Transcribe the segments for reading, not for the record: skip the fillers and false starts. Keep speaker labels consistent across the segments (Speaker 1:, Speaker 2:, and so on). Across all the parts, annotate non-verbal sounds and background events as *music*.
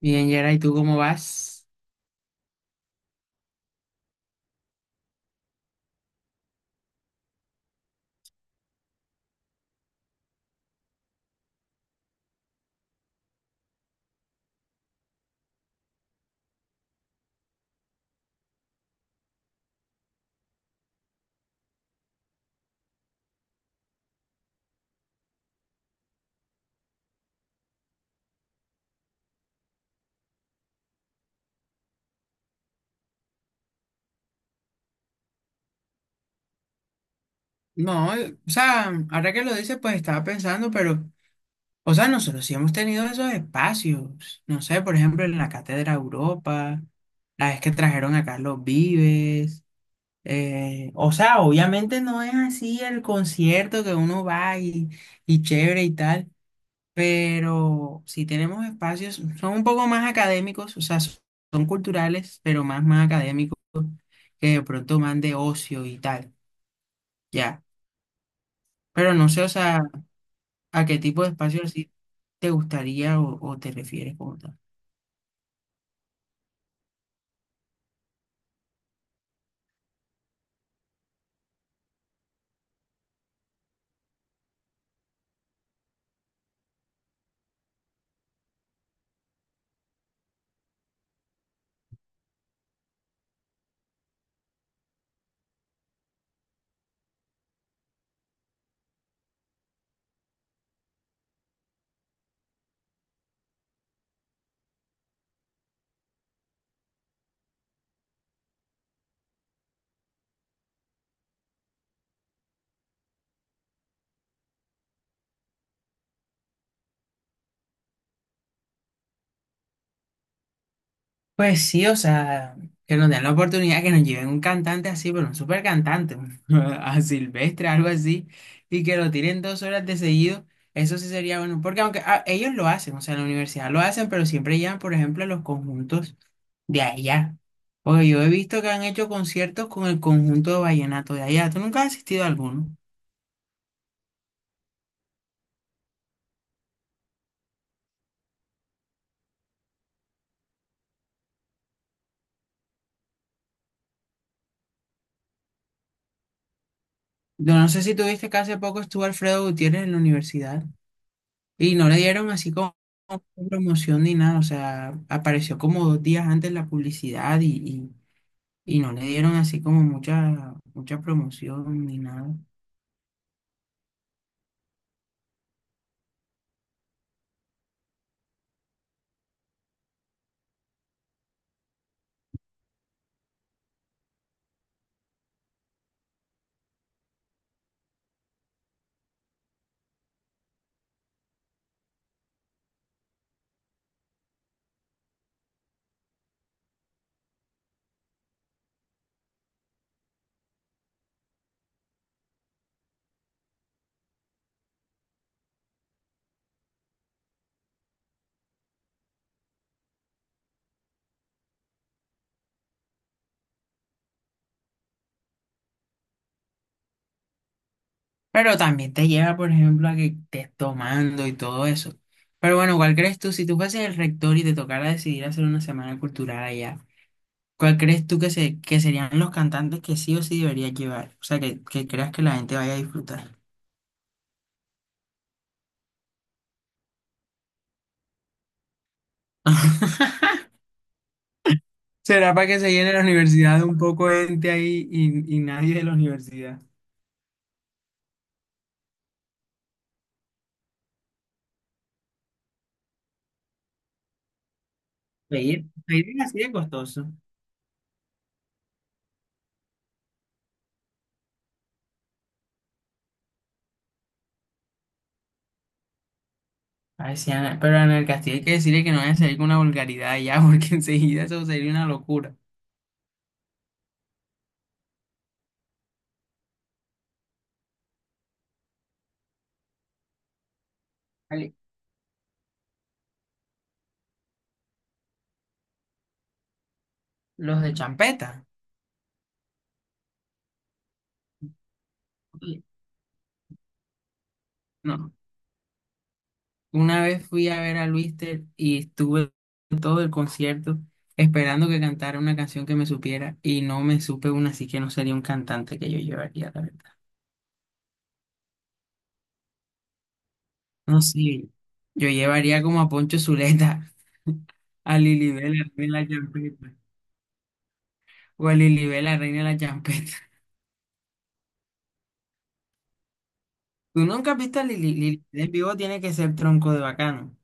Speaker 1: Bien, Yera, ¿y tú cómo vas? No, o sea, ahora que lo dices, pues estaba pensando, pero, o sea, nosotros sí hemos tenido esos espacios. No sé, por ejemplo, en la Cátedra Europa, la vez que trajeron a Carlos Vives. O sea, obviamente no es así el concierto que uno va y chévere y tal, pero sí tenemos espacios, son un poco más académicos, o sea, son culturales, pero más, más académicos, que de pronto más de ocio y tal. Ya. Pero no sé, o sea, a qué tipo de espacio así te gustaría o te refieres como tal. Pues sí, o sea, que nos den la oportunidad, que nos lleven un cantante así, pero un super cantante, *laughs* a Silvestre, algo así, y que lo tiren 2 horas de seguido, eso sí sería bueno, porque aunque ellos lo hacen, o sea, en la universidad lo hacen, pero siempre llevan, por ejemplo, los conjuntos de allá. Porque yo he visto que han hecho conciertos con el conjunto de vallenato de allá. ¿Tú nunca has asistido a alguno? Yo no sé si tuviste que hace poco estuvo Alfredo Gutiérrez en la universidad y no le dieron así como promoción ni nada, o sea, apareció como 2 días antes la publicidad y no le dieron así como mucha, mucha promoción ni nada. Pero también te lleva, por ejemplo, a que estés tomando y todo eso. Pero bueno, ¿cuál crees tú? Si tú fueses el rector y te tocara decidir hacer una semana cultural allá, ¿cuál crees tú que serían los cantantes que sí o sí deberías llevar? O sea, que creas que la gente vaya a disfrutar. *laughs* ¿Será para que se llene la universidad un poco de gente ahí y nadie de la universidad? Pedir, pedir es así de costoso. Ay, sí, Ana, pero en el Castillo hay que decirle que no vaya a salir con una vulgaridad ya, porque *laughs* enseguida eso sería una locura. Vale. Los de champeta. Oye. No, una vez fui a ver a Luister y estuve todo el concierto esperando que cantara una canción que me supiera y no me supe una, así que no sería un cantante que yo llevaría, la verdad. No sé, yo llevaría como a Poncho Zuleta, *laughs* a Lilibet, la reina de la champeta, o a Lilibet, la reina de la champeta. ¿Tú nunca has visto a Lilibet en vivo? Tiene que ser tronco de bacano.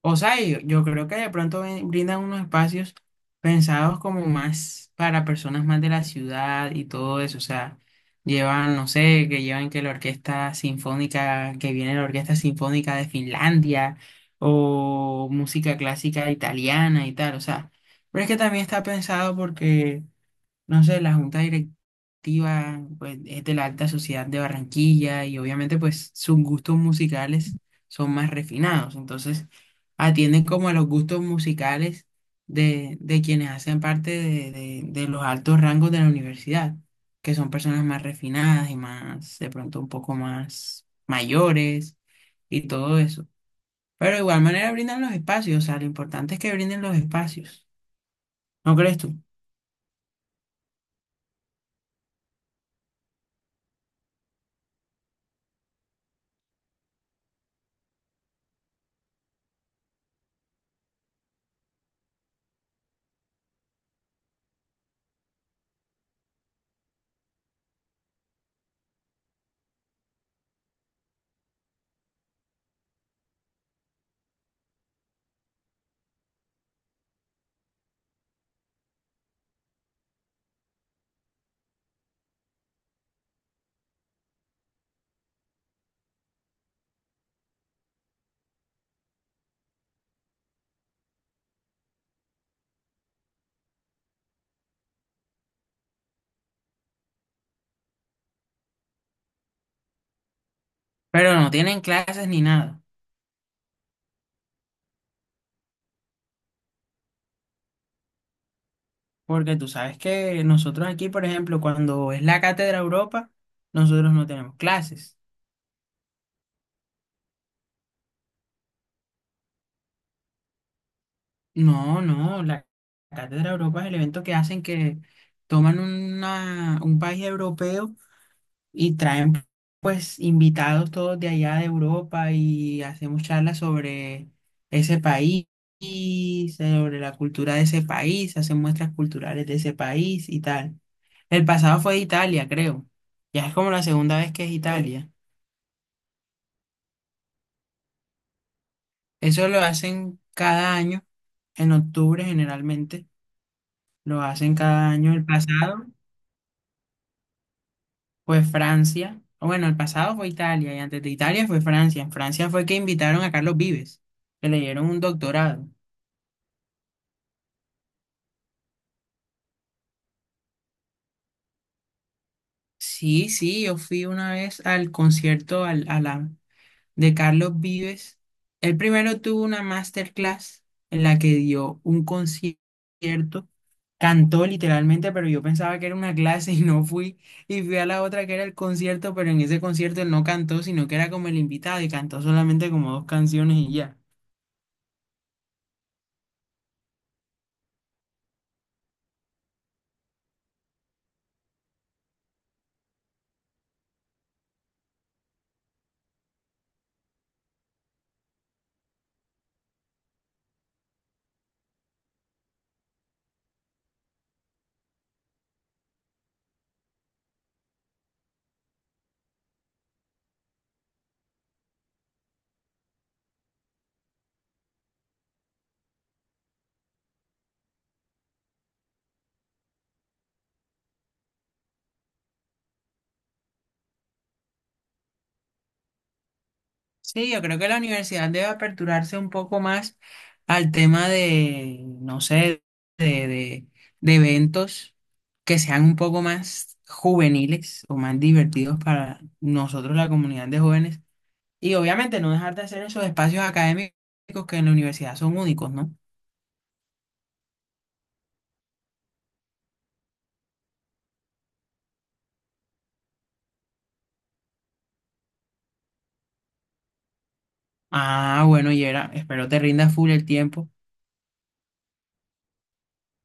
Speaker 1: O sea, yo creo que de pronto brindan unos espacios pensados como más para personas más de la ciudad y todo eso. O sea, llevan, no sé, que llevan que la orquesta sinfónica, que viene la orquesta sinfónica de Finlandia o música clásica italiana y tal. O sea, pero es que también está pensado porque no sé, la junta directiva pues, es de la alta sociedad de Barranquilla y obviamente pues sus gustos musicales son más refinados, entonces atienden como a los gustos musicales de quienes hacen parte de los altos rangos de la universidad, que son personas más refinadas y más, de pronto un poco más mayores y todo eso. Pero de igual manera brindan los espacios, o sea, lo importante es que brinden los espacios, ¿no crees tú? Pero no tienen clases ni nada. Porque tú sabes que nosotros aquí, por ejemplo, cuando es la Cátedra Europa, nosotros no tenemos clases. No, no, la Cátedra Europa es el evento que hacen que toman un país europeo y traen pues invitados todos de allá de Europa y hacemos charlas sobre ese país y sobre la cultura de ese país, hacen muestras culturales de ese país y tal. El pasado fue Italia, creo. Ya es como la segunda vez que es Italia. Eso lo hacen cada año, en octubre generalmente, lo hacen cada año. El pasado fue Francia, o bueno, el pasado fue Italia y antes de Italia fue Francia. En Francia fue que invitaron a Carlos Vives, que le dieron un doctorado. Sí, sí, yo fui una vez al concierto, de Carlos Vives. Él primero tuvo una masterclass en la que dio un concierto, cantó literalmente, pero yo pensaba que era una clase y no fui. Y fui a la otra que era el concierto, pero en ese concierto él no cantó, sino que era como el invitado y cantó solamente como dos canciones y ya. Sí, yo creo que la universidad debe aperturarse un poco más al tema de, no sé, de, de, de eventos que sean un poco más juveniles o más divertidos para nosotros, la comunidad de jóvenes. Y obviamente no dejar de hacer esos espacios académicos que en la universidad son únicos, ¿no? Ah, bueno, Yera, espero te rinda full el tiempo.